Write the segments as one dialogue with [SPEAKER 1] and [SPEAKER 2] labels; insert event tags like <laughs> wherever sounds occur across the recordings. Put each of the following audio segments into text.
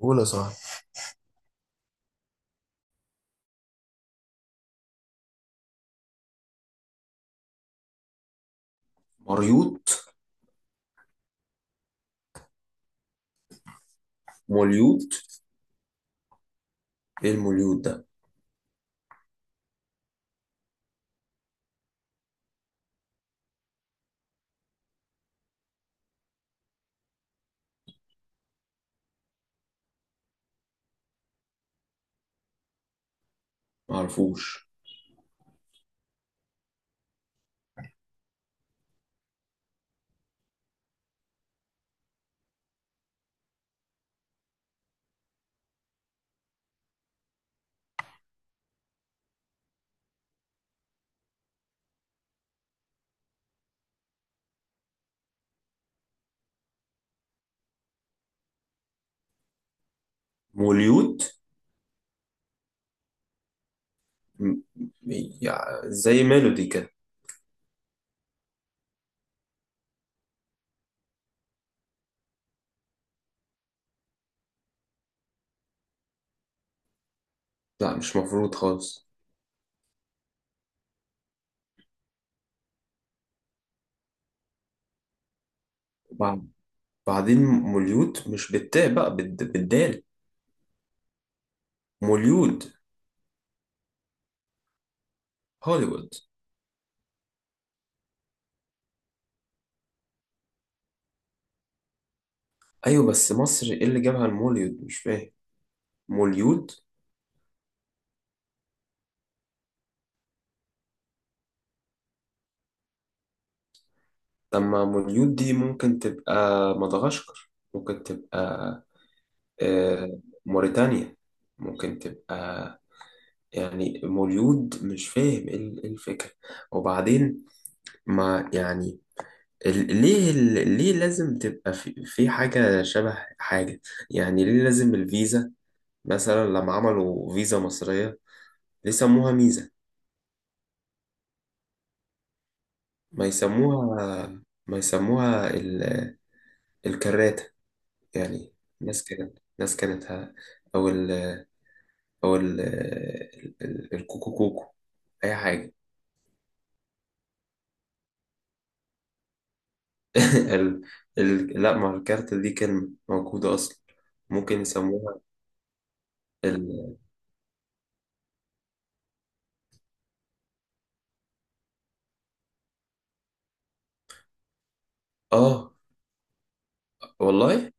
[SPEAKER 1] قول يا صاحبي. مريوط. موليوط. ايه الموليوط ده؟ معرفوش. موليوط. م- يعني زي ميلودي كده. لا، مش مفروض خالص. بع- بعدين موليوت مش بالتاء بقى بالدال. موليود. هوليوود. ايوه، بس مصر ايه اللي جابها الموليود؟ مش فاهم. موليود. طب ما موليود دي ممكن تبقى مدغشقر، ممكن تبقى آه، موريتانيا، ممكن تبقى. يعني مولود، مش فاهم ايه إيه الفكرة. وبعدين ما يعني، ليه لازم تبقى في حاجة شبه حاجة؟ يعني ليه لازم الفيزا، مثلا لما عملوا فيزا مصرية ليه سموها ميزة؟ ما يسموها، ما يسموها الكراتة يعني. ناس كانت ناس كانت ه- أو ال أو ال الكوكو كوكو، أي حاجة. <laughs> ال... لا، مع الكارتة دي كلمة موجودة أصلا. ممكن يسموها. ال... آه والله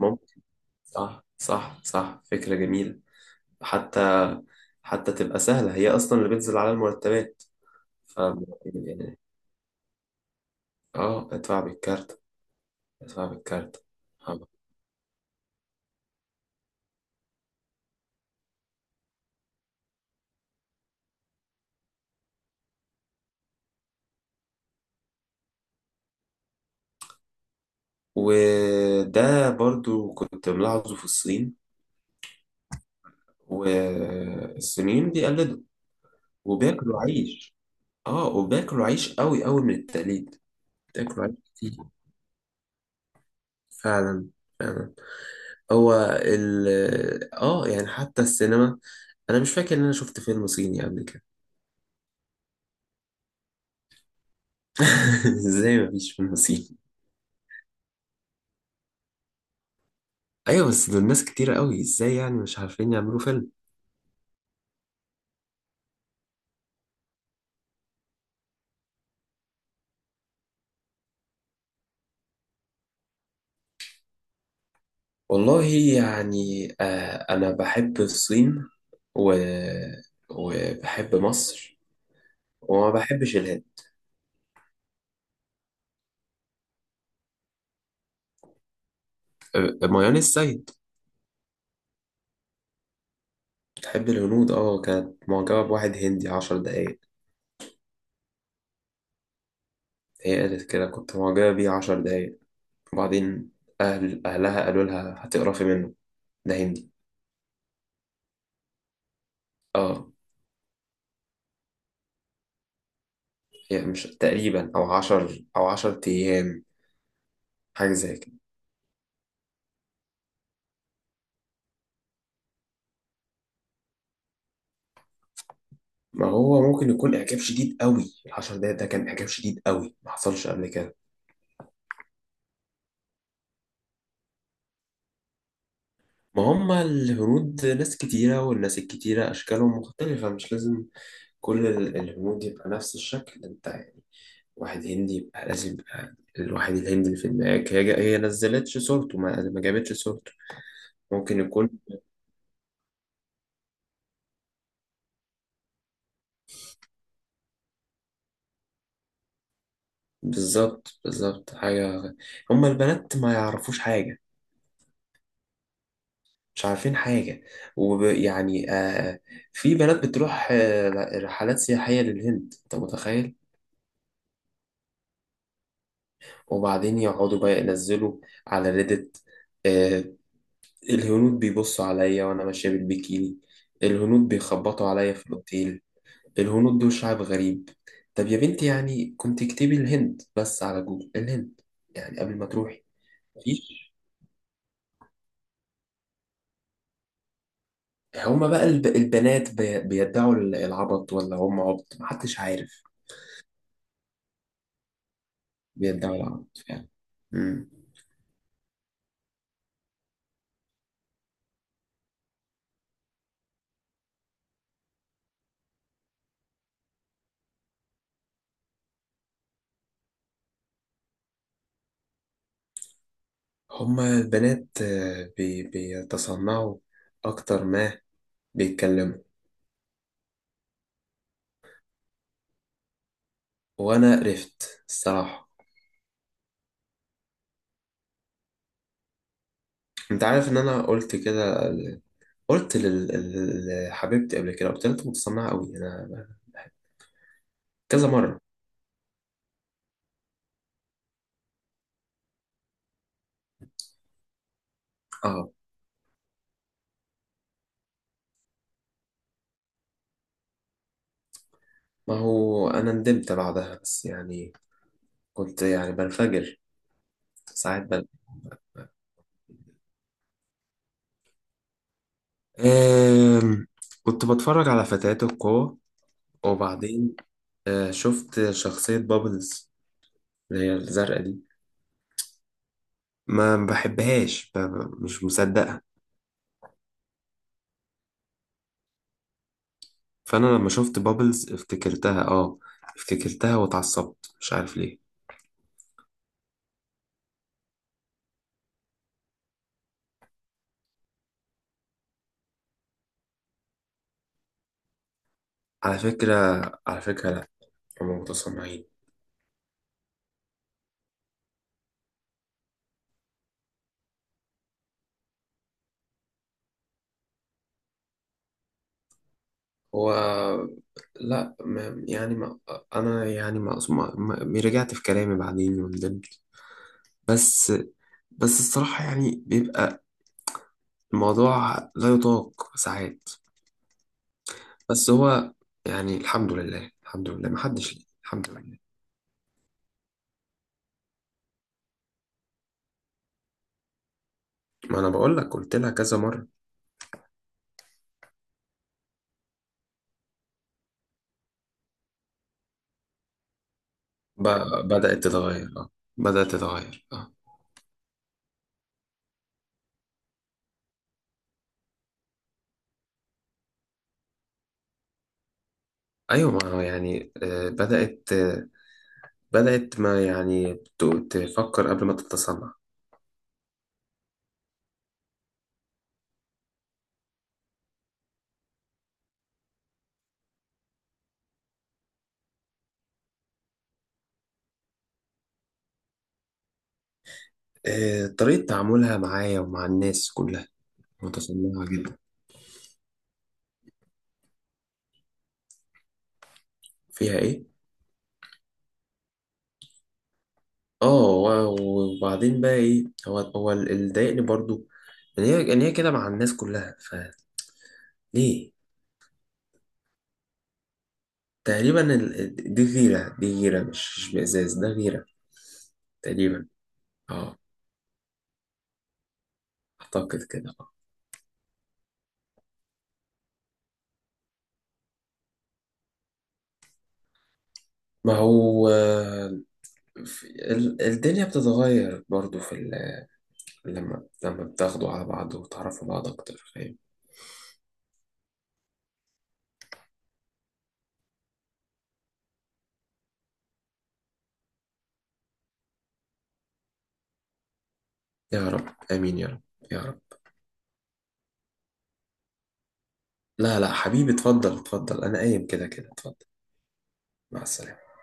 [SPEAKER 1] ممكن. صح صح صح، فكرة جميلة. حتى حتى تبقى سهلة، هي أصلا اللي بتنزل على المرتبات. ف... يعني آه، ادفع بالكارت، ادفع بالكارت. آه. وده برضو كنت ملاحظه في الصين، والصينيين بيقلدوا وبياكلوا عيش. اه، وبياكلوا عيش قوي قوي من التقليد، بياكلوا عيش كتير، فعلا فعلا. هو ال اه يعني حتى السينما، انا مش فاكر ان انا شفت فيلم صيني قبل كده. <laughs> ازاي ما فيش فيلم صيني؟ ايوه بس دول ناس كتير قوي، ازاي يعني مش عارفين يعملوا فيلم؟ والله يعني آه، انا بحب الصين و... وبحب مصر، وما بحبش الهند. ميان السيد بتحب الهنود، اه. كانت معجبة بواحد هندي 10 دقايق. هي قالت كده، كنت معجبة بيه 10 دقايق. وبعدين أهلها قالوا لها هتقرفي منه، ده هندي. اه، يعني مش تقريبا، أو 10 أيام، حاجة زي كده. ما هو ممكن يكون إعجاب شديد قوي، ال10 دقايق ده كان إعجاب شديد قوي ما حصلش قبل كده. ما هما الهنود ناس كتيرة، والناس الكتيرة أشكالهم مختلفة، مش لازم كل الهنود يبقى نفس الشكل، أنت يعني. واحد هندي يبقى لازم يبقى الواحد الهندي اللي في دماغك، هي نزلتش صورته، ما جابتش صورته. ممكن يكون، بالظبط بالظبط، حاجة. هما البنات ما يعرفوش حاجة، مش عارفين حاجة. ويعني آه، في بنات بتروح رحلات سياحية للهند، أنت متخيل؟ وبعدين يقعدوا بقى ينزلوا على ريدت، آه، الهنود بيبصوا عليا وأنا ماشية بالبيكيني، الهنود بيخبطوا عليا في الأوتيل، الهنود دول شعب غريب. طب يا بنتي، يعني كنت اكتبي الهند بس على جوجل، الهند، يعني قبل ما تروحي. مفيش. هما بقى البنات بيدعوا العبط، ولا هم عبط محدش عارف؟ بيدعوا العبط فعلا. مم. هما البنات بيتصنعوا أكتر ما بيتكلموا. وأنا قرفت الصراحة. أنت عارف إن أنا قلت كده؟ قلت لحبيبتي قبل كده، قلت لها أنت متصنعة أوي، أنا كذا مرة. اه، ما هو أنا ندمت بعدها، بس يعني كنت يعني بنفجر ساعات. آم، كنت بتفرج على فتيات القوة، وبعدين شفت شخصية بابلز اللي هي الزرقاء دي. ما بحبهاش، مش مصدقها. فأنا لما شفت بابلز افتكرتها، اه، افتكرتها واتعصبت مش عارف ليه. على فكرة، على فكرة لأ، هما متصنعين. هو، لأ، ما يعني ما أنا يعني رجعت في كلامي بعدين وندمت. بس، بس الصراحة يعني بيبقى الموضوع لا يطاق ساعات. بس هو يعني، الحمد لله، الحمد لله ما حدش ليه، الحمد لله. ما انا بقول لك، قلت لها كذا مره. ب... بدات تتغير، اه، بدات تتغير، اه. ايوه، ما هو يعني آه بدات آه، بدات ما يعني ت- تفكر قبل ما تتصنع. آه، طريقه تعاملها معايا ومع الناس كلها متصنعه جدا. فيها ايه؟ اه، وبعدين بقى ايه، هو هو اللي ضايقني برضو، ان هي كده مع الناس كلها، فليه؟ تقريبا دي غيرة، دي غيرة، مش بإزاز، ده غيرة تقريبا. اه، أعتقد كده اه. ما هو الدنيا بتتغير برضو لما بتاخدوا على بعض وتعرفوا بعض أكتر، فاهم. يا رب، آمين يا رب، يا رب. لا لا حبيبي، اتفضل اتفضل، أنا قايم كده كده، اتفضل. مع السلامة.